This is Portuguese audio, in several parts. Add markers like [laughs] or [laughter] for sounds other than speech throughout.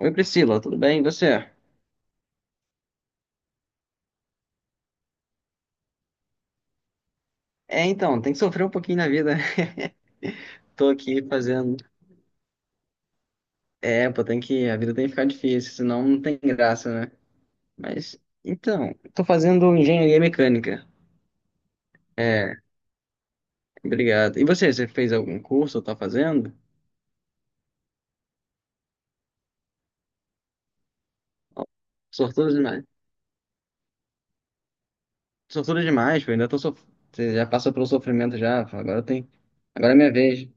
Oi, Priscila, tudo bem? E você? Então, tem que sofrer um pouquinho na vida. [laughs] Tô aqui fazendo. Pô, tem que. A vida tem que ficar difícil, senão não tem graça, né? Mas, então, tô fazendo engenharia mecânica. É, obrigado. E você, você fez algum curso ou tá fazendo? Ó. Sortudo demais. Sortudo demais, pô, ainda tô sof... Você já passou pelo sofrimento já, agora tem. Agora é minha vez.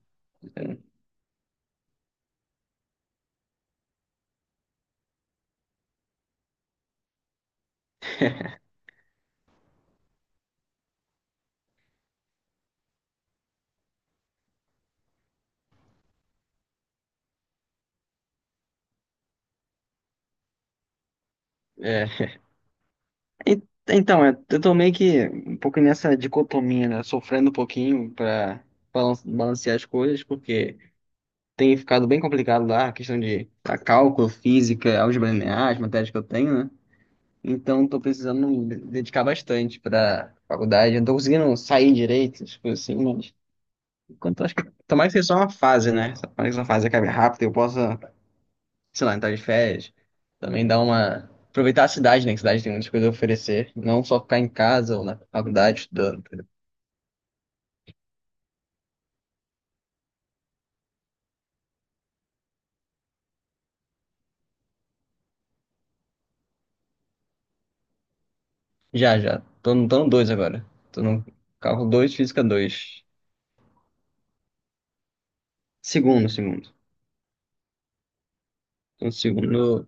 É. E- Então, eu tô meio que um pouco nessa dicotomia, né? Sofrendo um pouquinho pra balancear as coisas, porque tem ficado bem complicado lá a questão de a cálculo, física, álgebra linear, as matérias que eu tenho, né? Então, tô precisando me dedicar bastante pra faculdade. Eu não tô conseguindo sair direito, tipo assim, mas enquanto eu acho que tomara que seja só uma fase, né? Tomara que essa fase acabe rápido e eu possa, sei lá, entrar de férias. Também dar uma. Aproveitar a cidade, né? Que a cidade tem muitas coisas a oferecer. Não só ficar em casa ou na faculdade estudando, entendeu? Já, já. Tô no dois agora. Tô no cálculo dois, física dois. Segundo, segundo. Tô no segundo.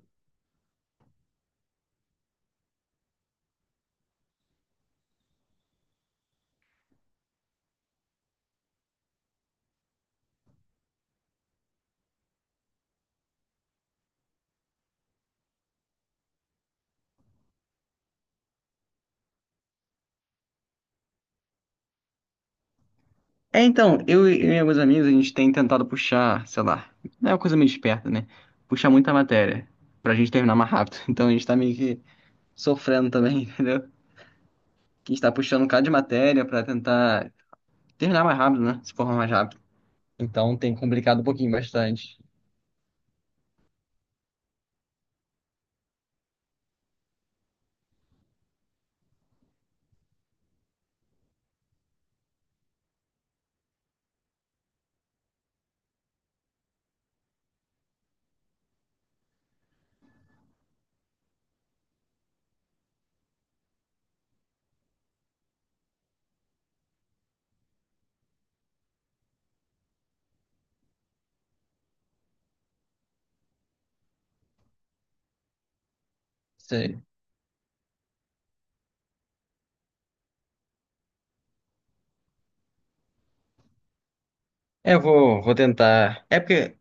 Então, eu e alguns amigos, a gente tem tentado puxar, sei lá. Não é uma coisa meio esperta, né? Puxar muita matéria. Pra gente terminar mais rápido. [laughs] Então a gente tá meio que sofrendo também, [laughs] entendeu? Que a gente tá puxando um bocado de matéria pra tentar terminar mais rápido, né? Se formar mais rápido. Então tem complicado um pouquinho bastante. Sei. É, eu vou, vou tentar. É porque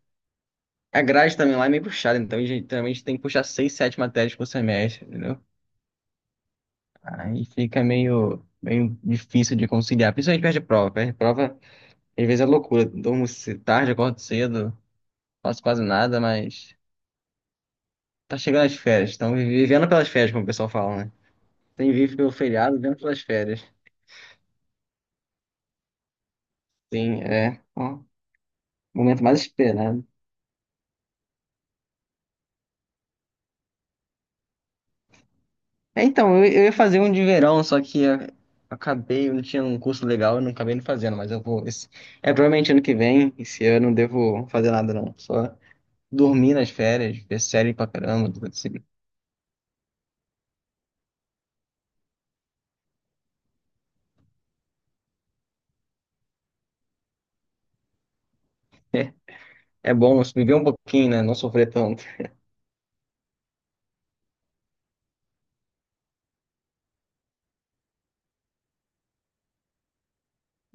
a grade também lá é meio puxada, então a gente geralmente tem que puxar seis, sete matérias por semestre, entendeu? Aí fica meio, meio difícil de conciliar, principalmente perto de prova. Perto de prova, às vezes é loucura. Durmo tarde, acordo cedo, faço quase nada, mas tá chegando as férias. Estão vivendo pelas férias, como o pessoal fala, né? Tem vivo pelo feriado, vivendo pelas férias. Sim, é o momento mais esperado. Então, eu ia fazer um de verão, só que acabei, eu não tinha um curso legal, eu não acabei não fazendo, mas eu vou. Esse, é provavelmente ano que vem, esse ano eu não devo fazer nada, não. Só dormir nas férias, ver série pra caramba, tudo assim. É bom viver um pouquinho, né? Não sofrer tanto.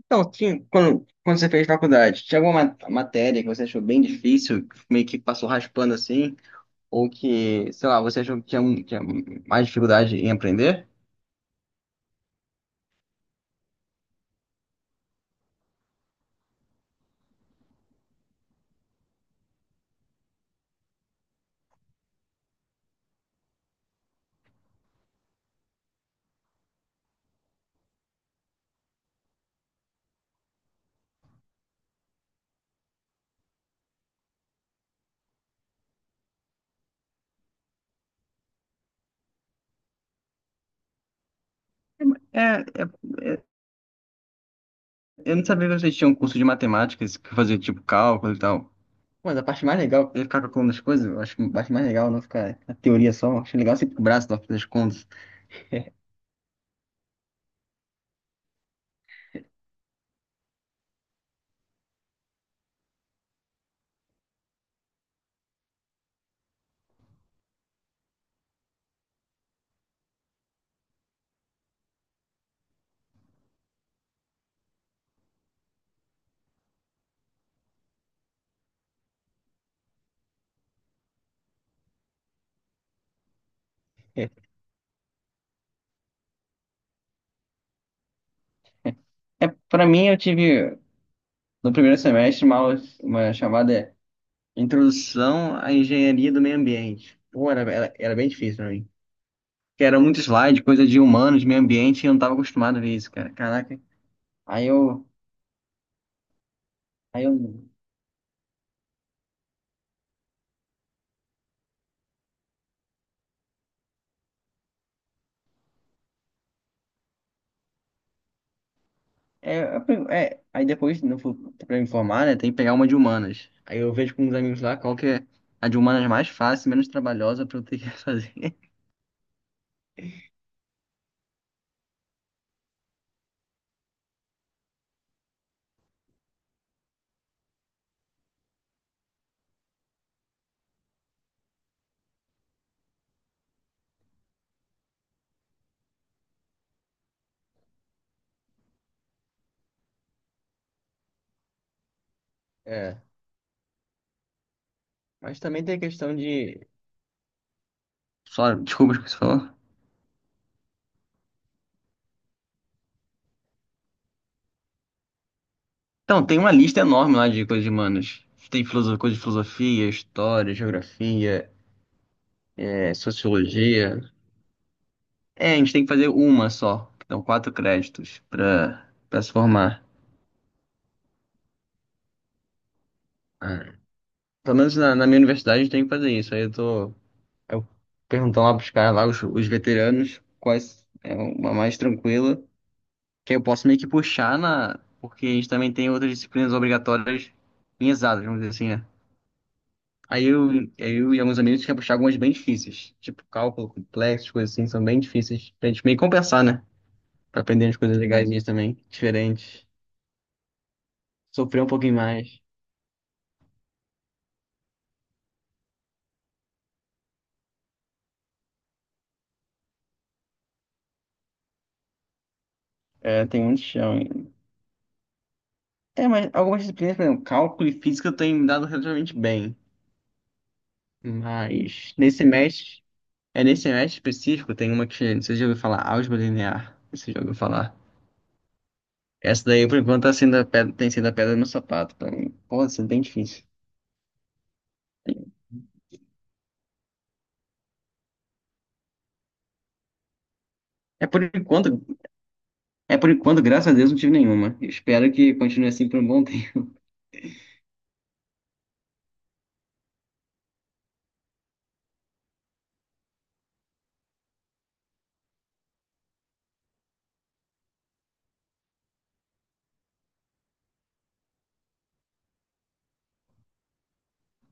Então, tinha, quando você fez faculdade, tinha alguma matéria que você achou bem difícil, meio que passou raspando assim? Ou que, sei lá, você achou que tinha, tinha mais dificuldade em aprender? É, é, Eu não sabia que vocês tinham um curso de matemáticas que fazia tipo cálculo e tal. Mas a parte mais legal é ficar calculando as coisas. Eu acho que a parte mais legal é não ficar na teoria só. Eu acho legal sempre com o braço na hora das contas. É, Pra mim, eu tive no primeiro semestre uma, uma chamada Introdução à Engenharia do Meio Ambiente. Pô, era bem difícil pra mim. Porque era muito slide, coisa de humanos, meio ambiente, e eu não tava acostumado a ver isso, cara. Caraca. Aí eu, aí eu. É, a é, aí depois, no, pra me informar, né, tem que pegar uma de humanas. Aí eu vejo com uns amigos lá qual que é a de humanas mais fácil, menos trabalhosa pra eu ter que [laughs] fazer. É, mas também tem a questão de... Só, desculpa, esqueci de falar. Então, tem uma lista enorme lá de coisas de humanas. Tem coisa de filosofia, história, geografia, sociologia. É, a gente tem que fazer uma só. Então, quatro créditos pra se formar. Ah. Pelo menos na minha universidade a gente tem que fazer isso. Aí eu tô... Eu perguntando lá pros caras lá, os veteranos, quais é uma mais tranquila, que eu posso meio que puxar na. Porque a gente também tem outras disciplinas obrigatórias em exatas, vamos dizer assim, né? Aí eu, eu e alguns amigos quer puxar algumas bem difíceis, tipo cálculo complexo, coisas assim, são bem difíceis pra gente meio que compensar, né? Pra aprender umas coisas legais também, diferentes, sofrer um pouquinho mais. É, tem muito chão ainda. É, mas algumas disciplinas, por exemplo, cálculo e física eu tenho me dado relativamente bem. Mas nesse semestre. É nesse semestre específico, tem uma que você já ouviu falar, álgebra linear. Você já ouviu falar? Essa daí, por enquanto, tá sendo a pedra, tem sido a pedra no sapato pra mim. Pô, isso é bem difícil. É por enquanto, é por enquanto, graças a Deus, não tive nenhuma. Eu espero que continue assim por um bom tempo. [laughs]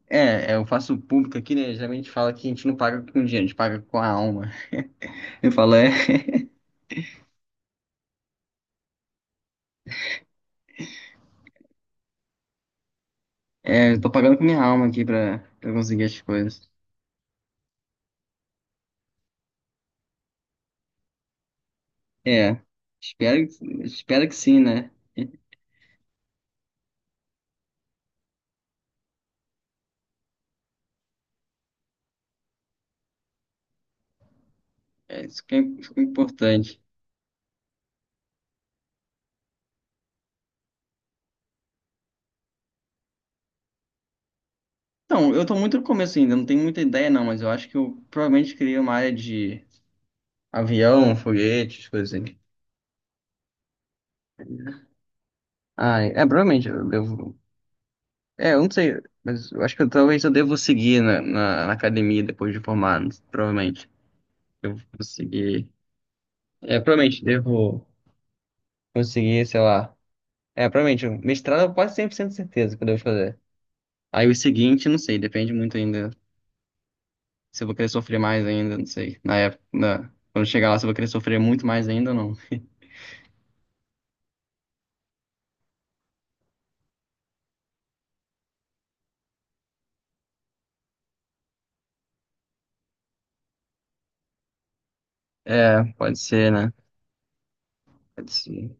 Eu faço público aqui, né? Geralmente fala que a gente não paga com dinheiro, a gente paga com a alma. [laughs] Eu falo, eu tô pagando com minha alma aqui pra conseguir as coisas. É, espero, espero que sim, né? Isso que é importante. Então, eu tô muito no começo ainda, não tenho muita ideia não, mas eu acho que eu provavelmente queria uma área de avião, foguetes, coisas assim. Provavelmente eu devo... É, eu não sei, mas eu acho que talvez eu devo seguir na academia depois de formado, provavelmente. Eu vou seguir. É, provavelmente devo conseguir, sei lá... É, provavelmente, mestrado eu quase 100% certeza que eu devo fazer. Aí o seguinte, não sei, depende muito ainda. Se eu vou querer sofrer mais ainda, não sei. Na época, quando chegar lá, se eu vou querer sofrer muito mais ainda ou não. É, pode ser, né? Pode ser.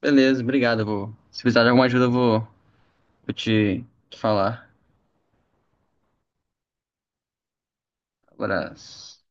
Beleza, obrigado. Eu vou... Se precisar de alguma ajuda, eu vou, vou te falar. Abraço.